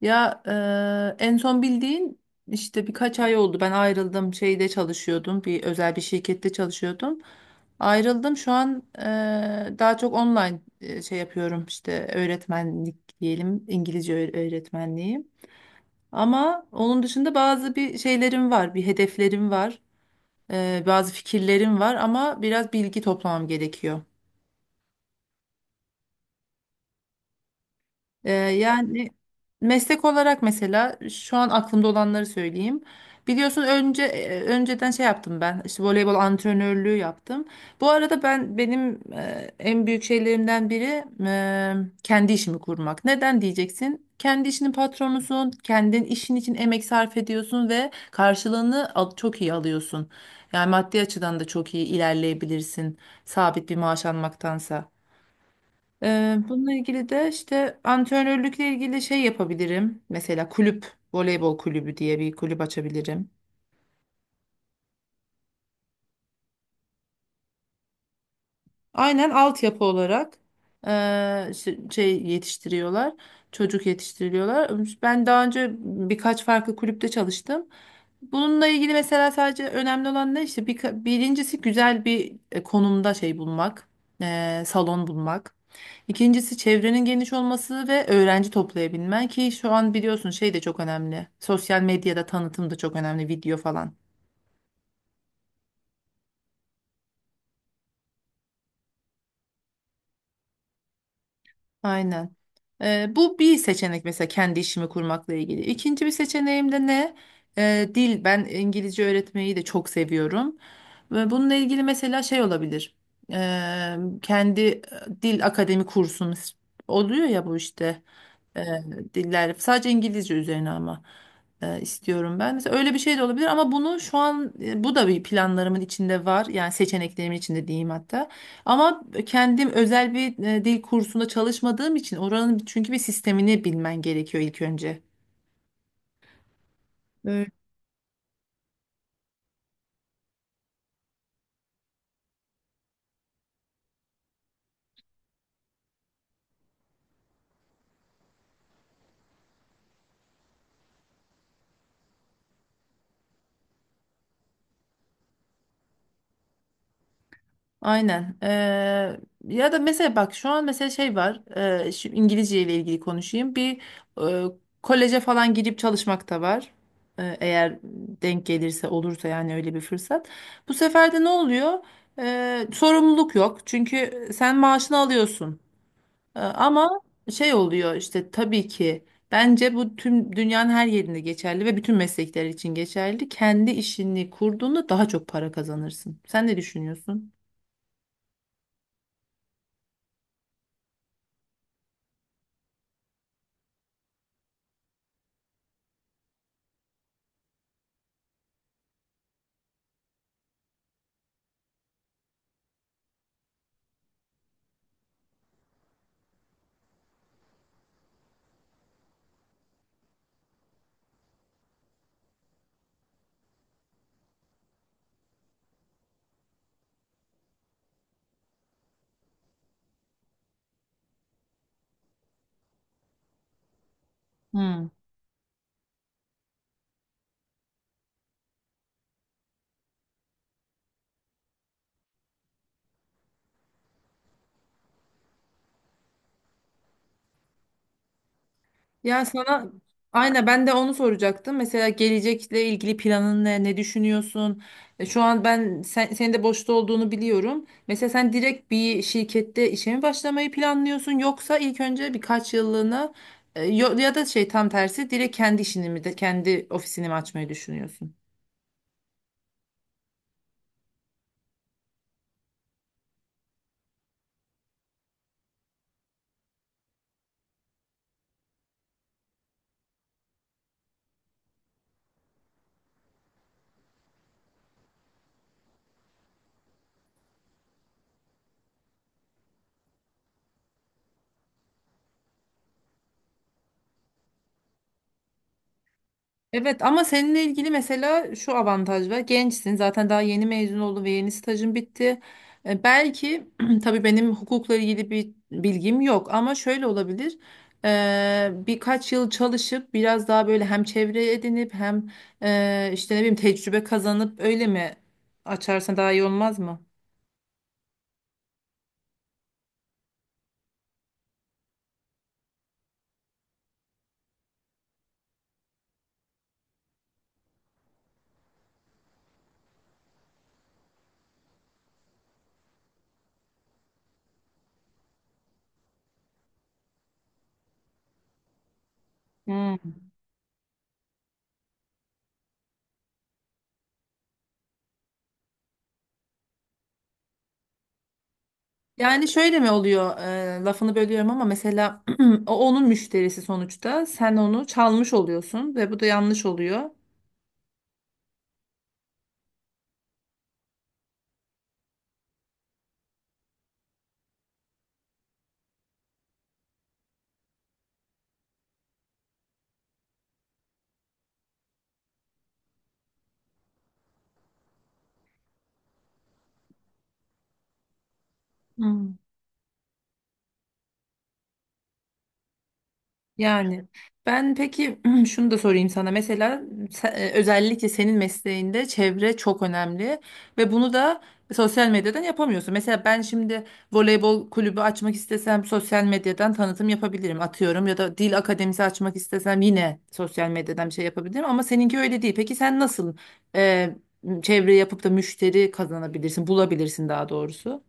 Ya en son bildiğin işte birkaç ay oldu. Ben ayrıldım. Şeyde çalışıyordum. Bir özel bir şirkette çalışıyordum. Ayrıldım. Şu an daha çok online şey yapıyorum. İşte öğretmenlik diyelim. İngilizce öğretmenliği. Ama onun dışında bazı bir şeylerim var. Bir hedeflerim var. Bazı fikirlerim var ama biraz bilgi toplamam gerekiyor. Yani meslek olarak mesela şu an aklımda olanları söyleyeyim. Biliyorsun önce önceden şey yaptım ben. İşte voleybol antrenörlüğü yaptım. Bu arada benim en büyük şeylerimden biri kendi işimi kurmak. Neden diyeceksin? Kendi işinin patronusun, kendin işin için emek sarf ediyorsun ve karşılığını çok iyi alıyorsun. Yani maddi açıdan da çok iyi ilerleyebilirsin sabit bir maaş almaktansa. Bununla ilgili de işte antrenörlükle ilgili şey yapabilirim. Mesela kulüp, voleybol kulübü diye bir kulüp açabilirim. Aynen altyapı olarak şey yetiştiriyorlar. Çocuk yetiştiriliyorlar. Ben daha önce birkaç farklı kulüpte çalıştım. Bununla ilgili mesela sadece önemli olan ne işte birincisi güzel bir konumda şey bulmak, salon bulmak. İkincisi çevrenin geniş olması ve öğrenci toplayabilmen ki şu an biliyorsun şey de çok önemli. Sosyal medyada tanıtım da çok önemli, video falan. Aynen. Bu bir seçenek mesela kendi işimi kurmakla ilgili. İkinci bir seçeneğim de ne? Dil. Ben İngilizce öğretmeyi de çok seviyorum. Ve bununla ilgili mesela şey olabilir. Ee, Kendi dil akademi kursumuz oluyor ya bu işte e, dillerle sadece İngilizce üzerine ama istiyorum ben. Mesela öyle bir şey de olabilir ama bunu şu an bu da bir planlarımın içinde var. Yani seçeneklerimin içinde diyeyim hatta. Ama kendim özel bir dil kursunda çalışmadığım için oranın çünkü bir sistemini bilmen gerekiyor ilk önce. Aynen. Ya da mesela bak şu an mesela şey var. Şu İngilizce ile ilgili konuşayım. Bir eee, koleje falan girip çalışmak da var. Eğer denk gelirse olursa yani öyle bir fırsat. Bu sefer de ne oluyor? Sorumluluk yok. Çünkü sen maaşını alıyorsun. Ama şey oluyor işte tabii ki bence bu tüm dünyanın her yerinde geçerli ve bütün meslekler için geçerli. Kendi işini kurduğunda daha çok para kazanırsın. Sen ne düşünüyorsun? Hmm. Ya sana aynen ben de onu soracaktım. Mesela gelecekle ilgili planın ne, ne düşünüyorsun? Şu an senin de boşta olduğunu biliyorum. Mesela sen direkt bir şirkette işe mi başlamayı planlıyorsun yoksa ilk önce birkaç yıllığına ya da şey tam tersi direkt kendi işini mi kendi ofisini mi açmayı düşünüyorsun? Evet ama seninle ilgili mesela şu avantaj var. Gençsin zaten daha yeni mezun oldun ve yeni stajın bitti. Belki tabii benim hukukla ilgili bir bilgim yok ama şöyle olabilir. Birkaç yıl çalışıp biraz daha böyle hem çevre edinip hem işte ne bileyim tecrübe kazanıp öyle mi açarsan daha iyi olmaz mı? Hmm. Yani şöyle mi oluyor? Lafını bölüyorum ama mesela onun müşterisi sonuçta. Sen onu çalmış oluyorsun ve bu da yanlış oluyor. Yani ben peki şunu da sorayım sana. Mesela özellikle senin mesleğinde çevre çok önemli ve bunu da sosyal medyadan yapamıyorsun. Mesela ben şimdi voleybol kulübü açmak istesem sosyal medyadan tanıtım yapabilirim atıyorum ya da dil akademisi açmak istesem yine sosyal medyadan bir şey yapabilirim ama seninki öyle değil. Peki sen nasıl e, çevre yapıp da müşteri kazanabilirsin, bulabilirsin daha doğrusu?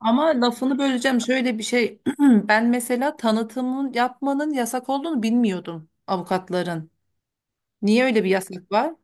Ama lafını böleceğim şöyle bir şey. Ben mesela tanıtımın yapmanın yasak olduğunu bilmiyordum avukatların. Niye öyle bir yasak var?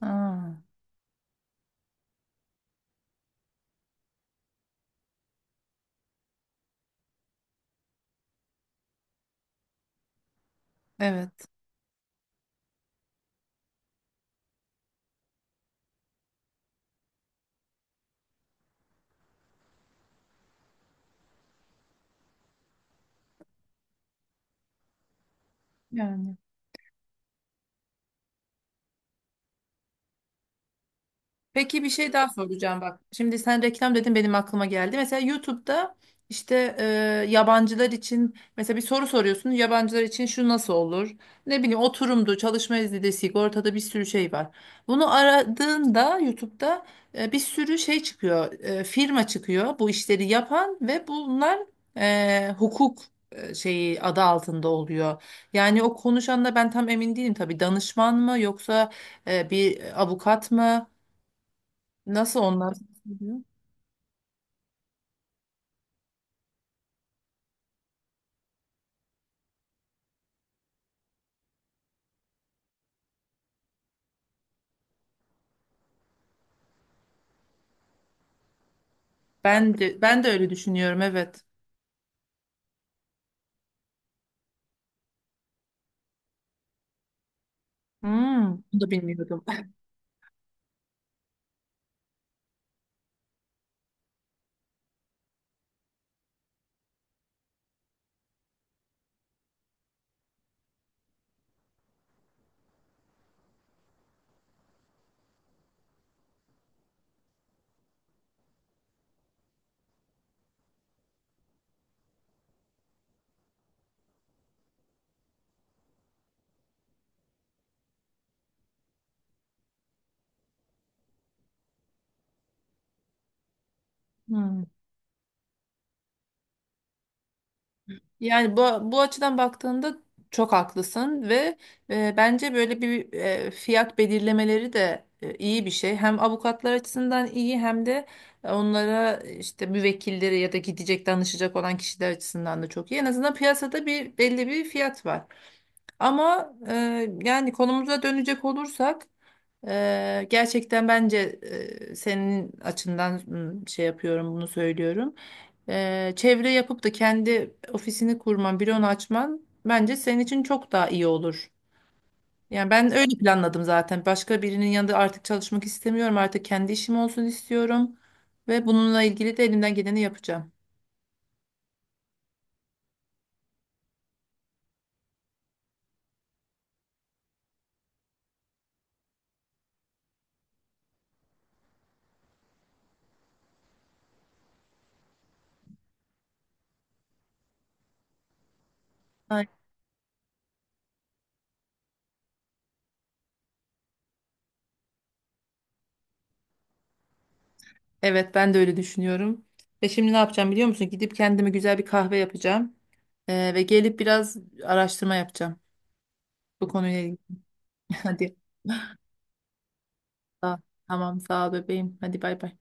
Ha, evet. Yani. Peki bir şey daha soracağım bak. Şimdi sen reklam dedin benim aklıma geldi. Mesela YouTube'da işte yabancılar için mesela bir soru soruyorsun. Yabancılar için şu nasıl olur? Ne bileyim oturumdu, çalışma izni sigortada bir sürü şey var. Bunu aradığında YouTube'da bir sürü şey çıkıyor. Firma çıkıyor bu işleri yapan ve bunlar hukuk şeyi adı altında oluyor. Yani o konuşanla ben tam emin değilim tabii danışman mı yoksa bir avukat mı? Nasıl onlar? Ben de öyle düşünüyorum evet. Hmm, bunu da bilmiyordum. Hmm. Yani bu açıdan baktığında çok haklısın ve bence böyle bir fiyat belirlemeleri de iyi bir şey. Hem avukatlar açısından iyi hem de onlara işte müvekkilleri ya da gidecek danışacak olan kişiler açısından da çok iyi. En azından piyasada bir belli bir fiyat var. Ama yani konumuza dönecek olursak gerçekten bence senin açından şey yapıyorum bunu söylüyorum. Çevre yapıp da kendi ofisini kurman, büronu açman bence senin için çok daha iyi olur. Yani ben öyle planladım zaten. Başka birinin yanında artık çalışmak istemiyorum. Artık kendi işim olsun istiyorum ve bununla ilgili de elimden geleni yapacağım. Evet ben de öyle düşünüyorum. Ve şimdi ne yapacağım biliyor musun? Gidip kendime güzel bir kahve yapacağım. Ve gelip biraz araştırma yapacağım bu konuyla ilgili. Hadi. Sağ- Tamam sağ ol bebeğim. Hadi bay bay.